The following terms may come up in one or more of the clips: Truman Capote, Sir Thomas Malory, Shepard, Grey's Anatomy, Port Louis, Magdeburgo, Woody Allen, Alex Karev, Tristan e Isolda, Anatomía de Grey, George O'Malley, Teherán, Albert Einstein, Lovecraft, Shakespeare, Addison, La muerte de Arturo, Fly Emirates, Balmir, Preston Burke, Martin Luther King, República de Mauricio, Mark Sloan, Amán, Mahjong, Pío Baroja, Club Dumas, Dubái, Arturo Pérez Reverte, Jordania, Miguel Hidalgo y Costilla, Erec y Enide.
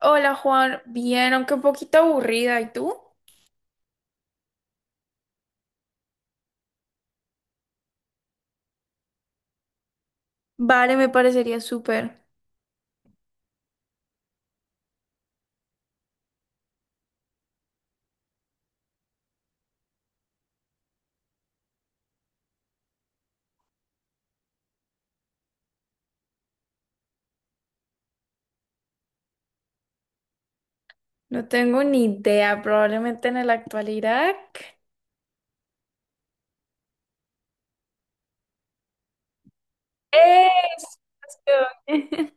Hola Juan, bien, aunque un poquito aburrida, ¿y tú? Vale, me parecería súper. No tengo ni idea, probablemente en la actualidad. Es.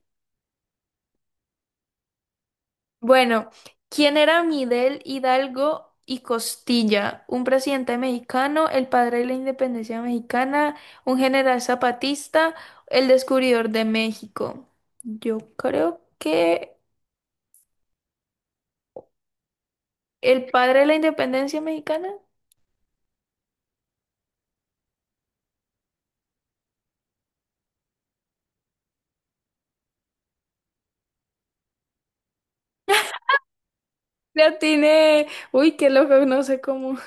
Bueno, ¿quién era Miguel Hidalgo y Costilla? Un presidente mexicano, el padre de la independencia mexicana, un general zapatista, el descubridor de México. Yo creo que el padre de la independencia mexicana. Le atiné. Uy, qué loco, no sé cómo.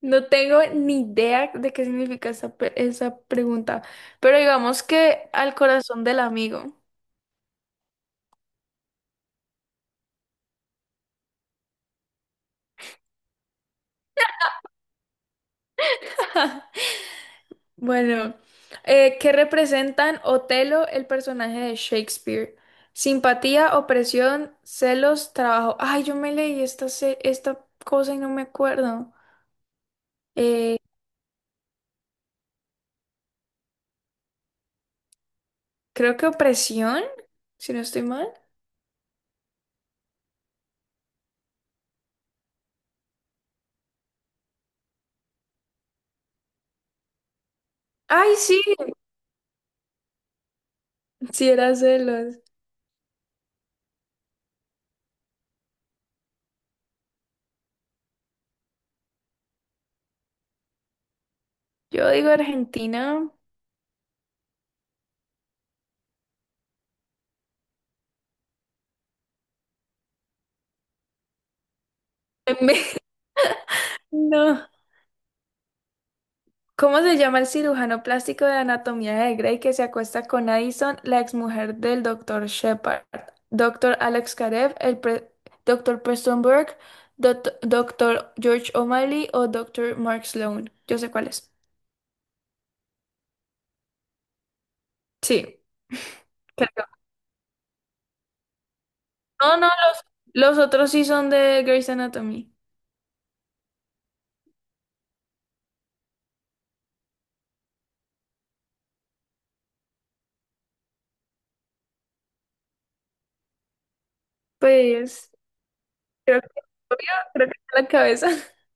No tengo ni idea de qué significa esa pregunta. Pero digamos que al corazón del amigo. Bueno, ¿qué representan Otelo, el personaje de Shakespeare? Simpatía, opresión, celos, trabajo. Ay, yo me leí esta cosa y no me acuerdo. Eh, Creo que opresión, si no estoy mal. Ay, sí, sí era celos. Yo digo Argentina. No. ¿Cómo se llama el cirujano plástico de Anatomía de Grey que se acuesta con Addison, la exmujer del doctor Shepard? Doctor Alex Karev, Dr. Preston Burke, Dr. George O'Malley o doctor Mark Sloan. Yo sé cuál es. Sí, creo. No, no, los otros sí son de Grey's Anatomy. Pues creo que, obvio, creo que está en la cabeza.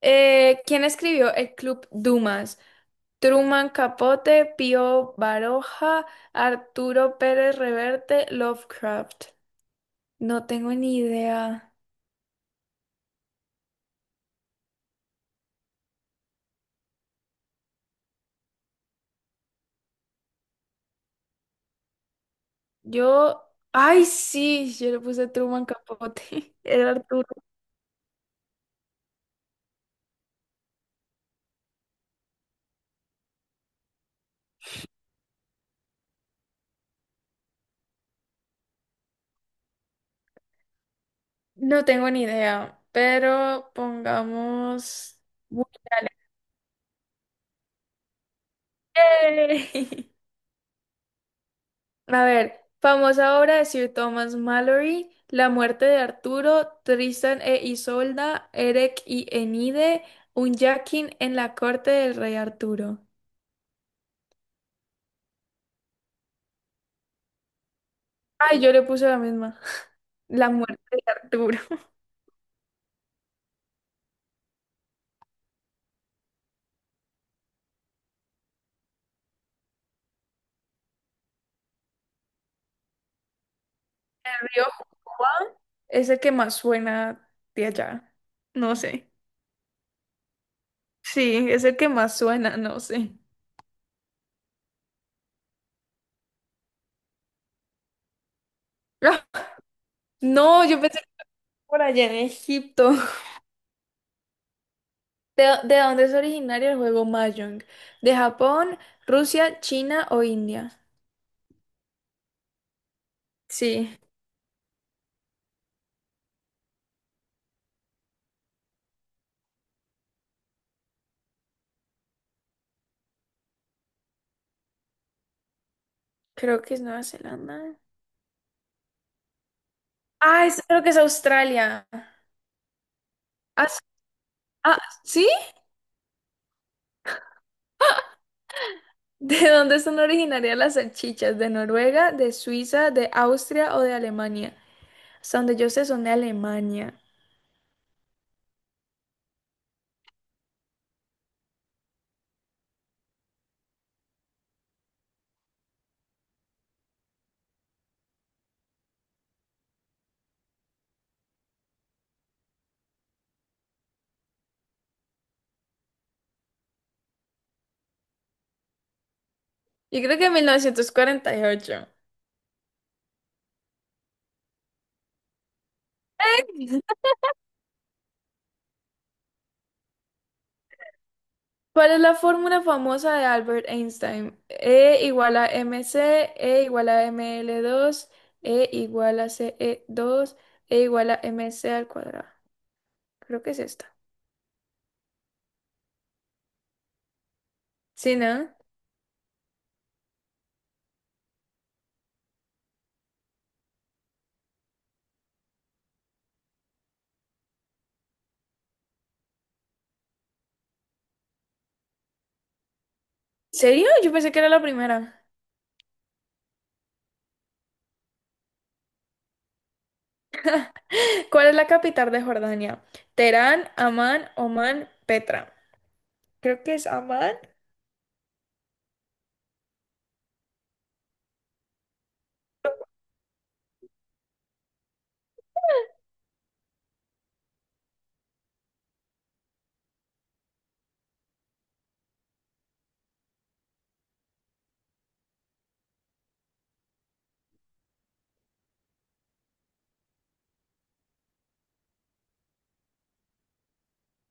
¿Quién escribió el Club Dumas? Truman Capote, Pío Baroja, Arturo Pérez Reverte, Lovecraft. No tengo ni idea. Yo, ay, sí, yo le puse Truman Capote. Era Arturo. No tengo ni idea, pero pongamos... Woody Allen. ¡Yay! A ver, famosa obra de Sir Thomas Malory, La muerte de Arturo, Tristan e Isolda, Erec y Enide, un Jackin en la corte del rey Arturo. Ay, yo le puse la misma. La muerte de Arturo. El río Juan es el que más suena de allá. No sé. Sí, es el que más suena, no sé. No, yo pensé que por allá en Egipto. ¿De dónde es originario el juego Mahjong? ¿De Japón, Rusia, China o India? Sí, creo que es Nueva Zelanda. Ah, creo que es Australia. Ah, s- ah, ¿sí? ¿De dónde son originarias las salchichas? ¿De Noruega, de Suiza, de Austria o de Alemania? Hasta donde yo sé son de Alemania. Yo creo que en 1948. ¿Cuál es la fórmula famosa de Albert Einstein? E igual a mc, E igual a m l dos, E igual a c e dos, E igual a mc al cuadrado. Creo que es esta. ¿Sí, no? ¿Serio? Yo pensé que era la primera. ¿Cuál es la capital de Jordania? Teherán, Amán, Omán, Petra. Creo que es Amán.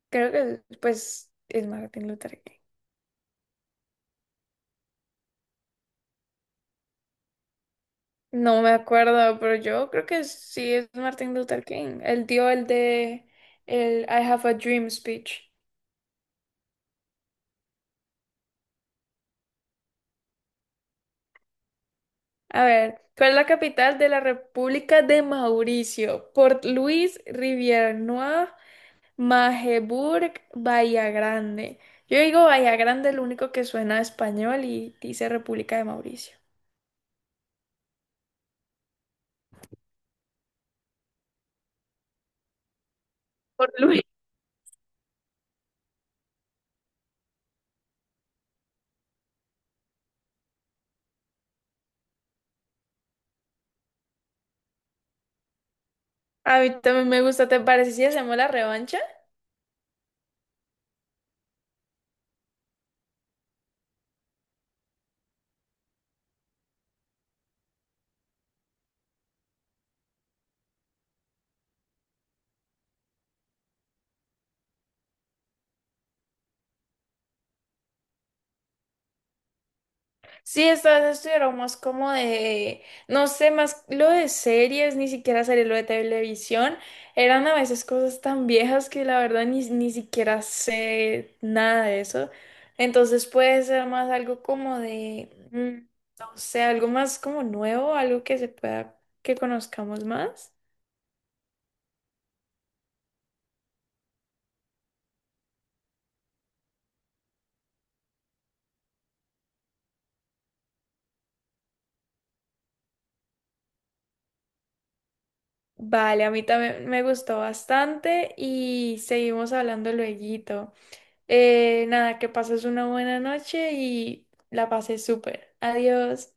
Creo que es, pues es Martin Luther King. No me acuerdo, pero yo creo que sí es Martin Luther King. Él dio el de el I Have a Dream speech. A ver, ¿cuál es la capital de la República de Mauricio? Port Louis, Rivière-Noire, Magdeburgo, Bahía Grande. Yo digo Bahía Grande, lo único que suena a español y dice República de Mauricio. Port Louis. A mí también me gusta, ¿te parece si hacemos la revancha? Sí, estas estuvieron más como de, no sé, más lo de series, ni siquiera series, lo de televisión, eran a veces cosas tan viejas que la verdad ni siquiera sé nada de eso. Entonces puede ser más algo como de, no sé, algo más como nuevo, algo que se pueda, que conozcamos más. Vale, a mí también me gustó bastante y seguimos hablando lueguito. Nada, que pases una buena noche y la pases súper. Adiós.